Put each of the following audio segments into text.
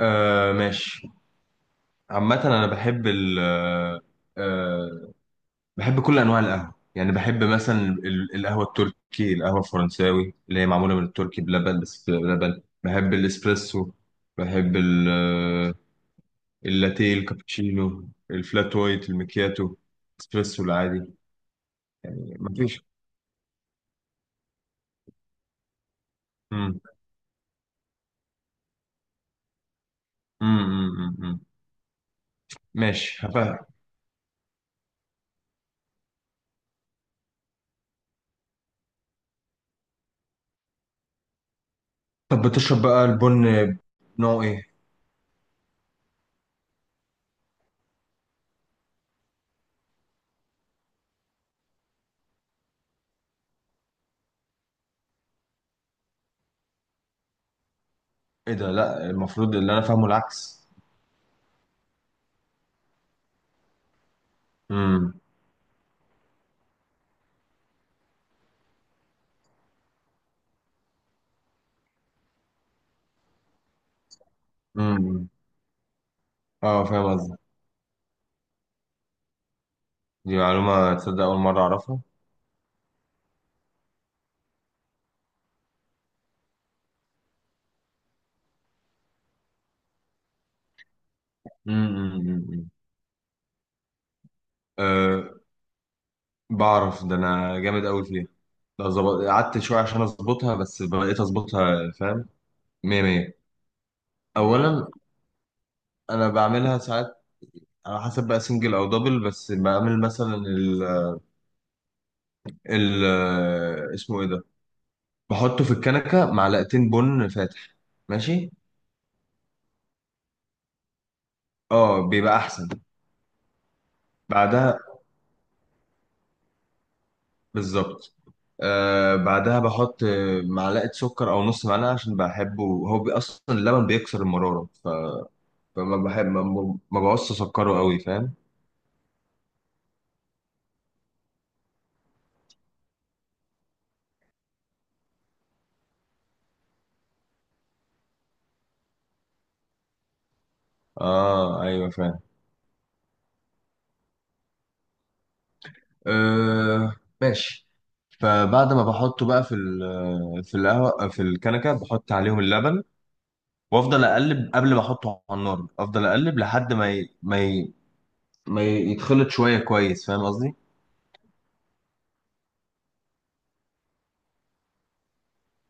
آه، ماشي. عامة أنا بحب ال آه آه، بحب كل أنواع القهوة، يعني بحب مثلا القهوة التركي، القهوة الفرنساوي اللي هي معمولة من التركي بلبن، بس بلبن. بحب الإسبريسو، بحب اللاتيه الكابتشينو، الفلات وايت، المكياتو، الإسبريسو العادي. مفيش. مم. مم. مم. مم. ماشي، هبقى. طب بتشرب بقى البن نوع إيه؟ إيه ده؟ لأ، المفروض اللي أنا فاهمه العكس. مم. مم. اه، فاهم قصدك. دي معلومة تصدق أول مرة أعرفها. امم. أه، بعرف ده، أنا جامد أوي فيها، لو ظبط قعدت شوية عشان أظبطها، بس بقيت أظبطها، فاهم. مية مية. أولا أنا بعملها ساعات على حسب بقى سنجل أو دبل. بس بعمل مثلا ال اسمه إيه ده، بحطه في الكنكة معلقتين بن فاتح. ماشي. اه، بيبقى أحسن. بعدها، بالظبط، بعدها بحط معلقة سكر أو نص معلقة، عشان بحبه هو أصلا اللبن بيكسر المرارة، فما بحب ما بعوزش أسكره أوي، فاهم. آه، أيوه، فاهم. آه، ماشي. فبعد ما بحطه بقى في في القهوة في الكنكة، بحط عليهم اللبن وأفضل أقلب قبل ما أحطه على النار، أفضل أقلب لحد ما ما يتخلط شوية كويس، فاهم قصدي.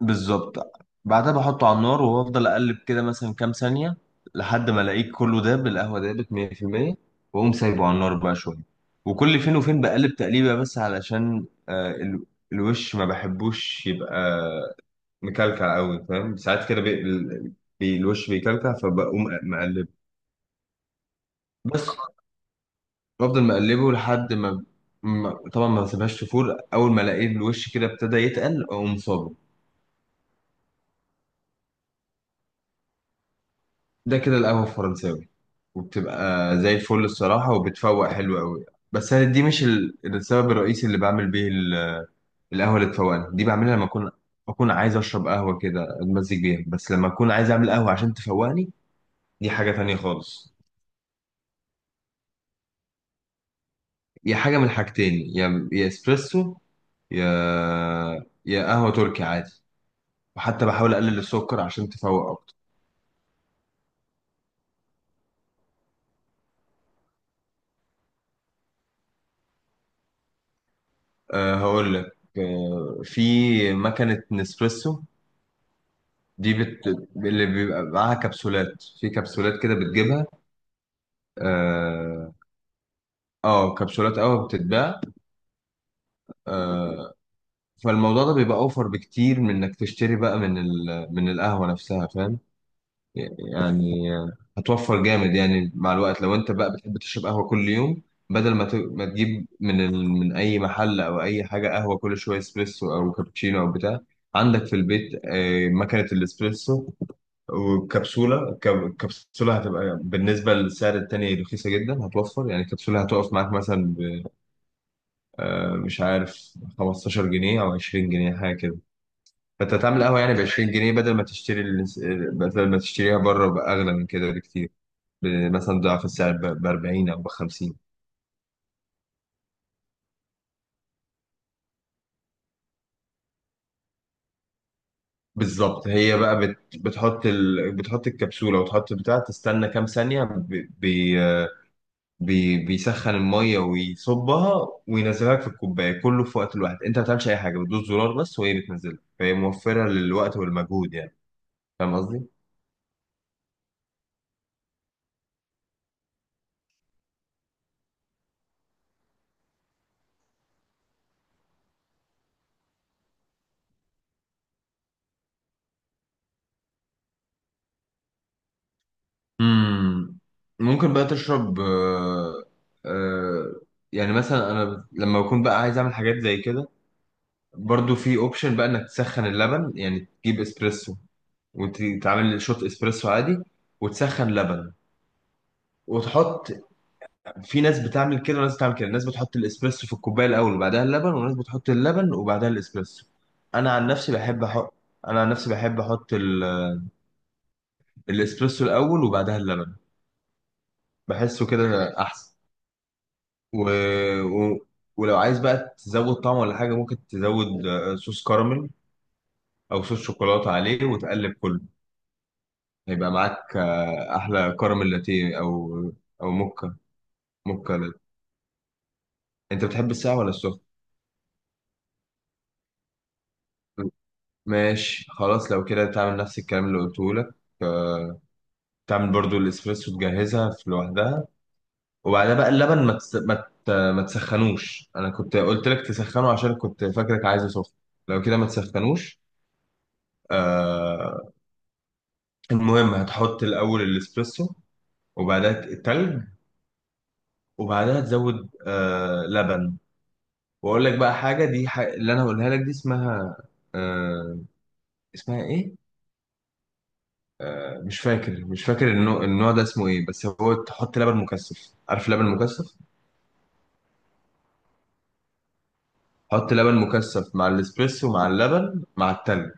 بالظبط. بعدها بحطه على النار وافضل اقلب كده مثلا كام ثانيه، لحد ما الاقيه كله داب، القهوه دابت 100%، واقوم سايبه على النار بقى شويه. وكل فين وفين بقلب تقليبه، بس علشان الوش ما بحبوش يبقى مكلكع قوي، فاهم، ساعات كده بي الوش بيكلكع فبقوم مقلبه. بس بفضل مقلبه لحد ما طبعا ما بسيبهاش تفور، اول ما الاقي الوش كده ابتدى يتقل اقوم صابه. ده كده القهوة الفرنساوي، وبتبقى زي الفل الصراحة، وبتفوق حلو قوي. بس أنا دي مش السبب الرئيسي اللي بعمل بيه القهوة اللي تفوقني دي بعملها لما أكون عايز أشرب قهوة كده أتمزج بيها. بس لما أكون عايز أعمل قهوة عشان تفوقني، دي حاجة تانية خالص. يا حاجة من الحاجتين، يا إسبريسو، يا يا قهوة تركي عادي، وحتى بحاول أقلل السكر عشان تفوق أكتر. أه، هقول لك. في مكنة نسبريسو. دي بت... اللي بيبقى معاها كبسولات، في كبسولات كده بتجيبها. اه. آه، كبسولات قهوة بتتباع. آه... فالموضوع ده بيبقى اوفر بكتير من انك تشتري بقى من من القهوة نفسها، فاهم. يعني هتوفر جامد يعني مع الوقت لو انت بقى بتحب تشرب قهوة كل يوم، بدل ما تجيب من من اي محل او اي حاجة قهوة كل شوية، اسبريسو او كابتشينو او بتاع. عندك في البيت مكنة الاسبريسو، وكبسولة. كبسولة هتبقى بالنسبة للسعر التاني رخيصة جدا، هتوفر يعني. كبسولة هتقف معاك مثلا مش عارف 15 جنيه أو 20 جنيه حاجة كده. فأنت هتعمل قهوة يعني ب 20 جنيه بدل ما تشتري بدل ما تشتريها بره بأغلى من كده بكتير، مثلا ضعف السعر ب 40 أو ب 50. بالظبط. هي بقى بتحط بتحط الكبسولة، وتحط بتاع، تستنى كام ثانية، بيسخن المية ويصبها وينزلها لك في الكوباية، كله في وقت الواحد. انت ما بتعملش اي حاجة، بتدوس زرار بس وهي بتنزلها، فهي موفرة للوقت والمجهود يعني. فاهم قصدي؟ امم. ممكن بقى تشرب. آه يعني مثلا انا لما بكون بقى عايز اعمل حاجات زي كده، برضو في اوبشن بقى انك تسخن اللبن. يعني تجيب اسبريسو وتعمل شوت اسبريسو عادي، وتسخن لبن، وتحط. في ناس بتعمل كده وناس بتعمل كده، الناس بتحط الاسبريسو في الكوبايه الاول وبعدها اللبن، وناس بتحط اللبن وبعدها الاسبريسو. انا عن نفسي بحب احط انا عن نفسي بحب احط الاسبريسو الاول وبعدها اللبن. بحسه كده احسن. و... و... ولو عايز بقى تزود طعم ولا حاجه، ممكن تزود صوص كراميل او صوص شوكولاته عليه وتقلب كله، هيبقى معاك احلى كراميل لاتيه، او موكا، موكا لاتيه. انت بتحب الساقع ولا السخن؟ ماشي، خلاص، لو كده تعمل نفس الكلام اللي قلته لك. تعمل برضو الاسبريسو، تجهزها في لوحدها، وبعدها بقى اللبن ما تس... ما ت... ما تسخنوش، انا كنت قلت لك تسخنه عشان كنت فاكرك عايزه سخن، لو كده ما تسخنوش. آه... المهم، هتحط الاول الاسبريسو، وبعدها التلج، وبعدها تزود لبن. واقول لك بقى حاجه، اللي انا هقولها لك دي اسمها آه... اسمها ايه، مش فاكر، النوع ده اسمه ايه، بس هو تحط لبن مكثف. عارف لبن مكثف؟ حط لبن مكثف مع الاسبريسو مع اللبن مع التلج.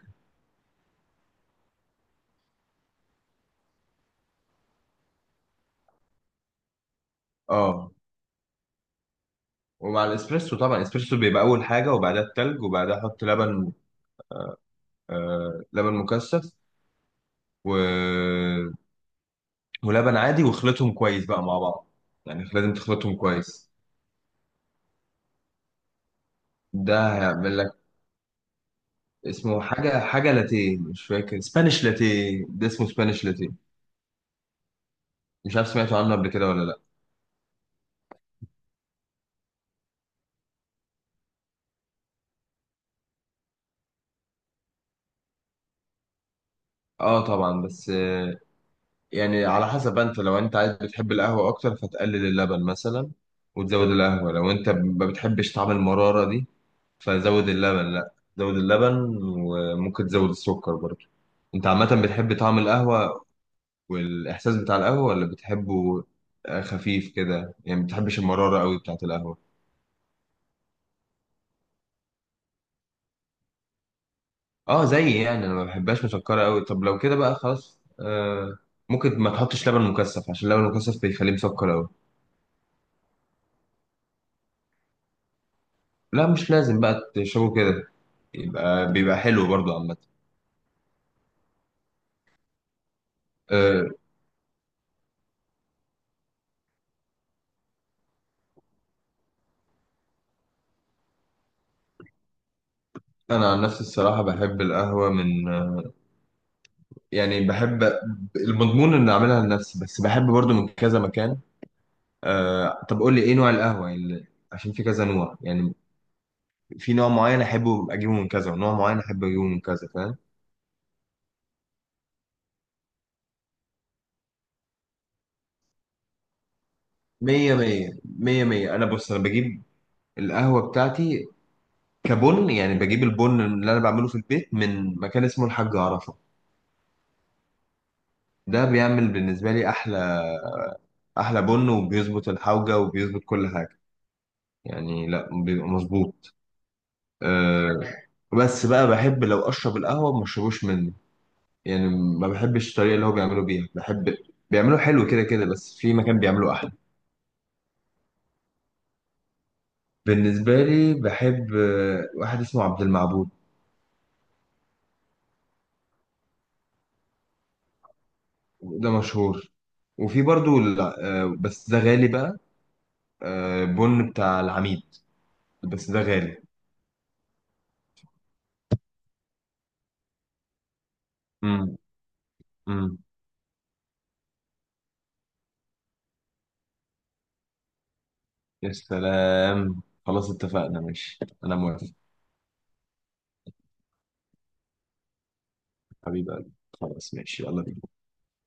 اه. ومع الاسبريسو طبعا، الاسبريسو بيبقى اول حاجه وبعدها التلج وبعدها حط لبن، آه، لبن مكثف و... ولبن عادي، واخلطهم كويس بقى مع بعض، يعني لازم تخلطهم كويس. ده هيعمل لك، اسمه حاجه، لاتيه، مش فاكر، سبانيش لاتيه، ده اسمه سبانيش لاتيه. مش عارف سمعتوا عنه قبل كده ولا لا. اه طبعا، بس يعني على حسب، لو انت عايز، بتحب القهوة اكتر فتقلل اللبن مثلا وتزود القهوة، لو انت ما بتحبش طعم المرارة دي، فزود اللبن، لا زود اللبن، وممكن تزود السكر برضه. انت عامة بتحب طعم القهوة والاحساس بتاع القهوة، ولا بتحبه خفيف كده يعني، ما بتحبش المرارة قوي بتاعت القهوة؟ اه زي، يعني انا ما بحبهاش مسكرة قوي. طب لو كده بقى خلاص، ممكن ما تحطش لبن مكثف، عشان اللبن المكثف بيخليه مسكر قوي. لا مش لازم، بقى تشربه كده، يبقى بيبقى حلو برضو عامة. أه، أنا عن نفسي الصراحة بحب القهوة من، يعني بحب المضمون إن أعملها لنفسي، بس بحب برضو من كذا مكان. أه، طب قول لي إيه نوع القهوة يعني، عشان في كذا نوع يعني، في نوع معين أحبه أجيبه من كذا ونوع معين أحب أجيبه من كذا، فاهم. مية مية مية مية. أنا بص، أنا بجيب القهوة بتاعتي كبن، يعني بجيب البن اللي أنا بعمله في البيت من مكان اسمه الحاج عرفة. ده بيعمل بالنسبة لي أحلى، بن، وبيظبط الحوجة وبيظبط كل حاجة، يعني لا بيبقى مظبوط. أه. بس بقى بحب لو اشرب القهوه ما اشربوش منه، يعني ما بحبش الطريقه اللي هو بيعملوا بيها، بحب بيعملوا حلو كده كده، بس في مكان بيعملوا احلى. بالنسبه لي بحب واحد اسمه عبد المعبود، ده مشهور. وفي برضو بس ده غالي بقى، بن بتاع العميد، بس ده غالي. امم. امم. يا سلام، خلاص اتفقنا، ماشي، انا موافق. حبيبي، خلاص ماشي، يلا بينا.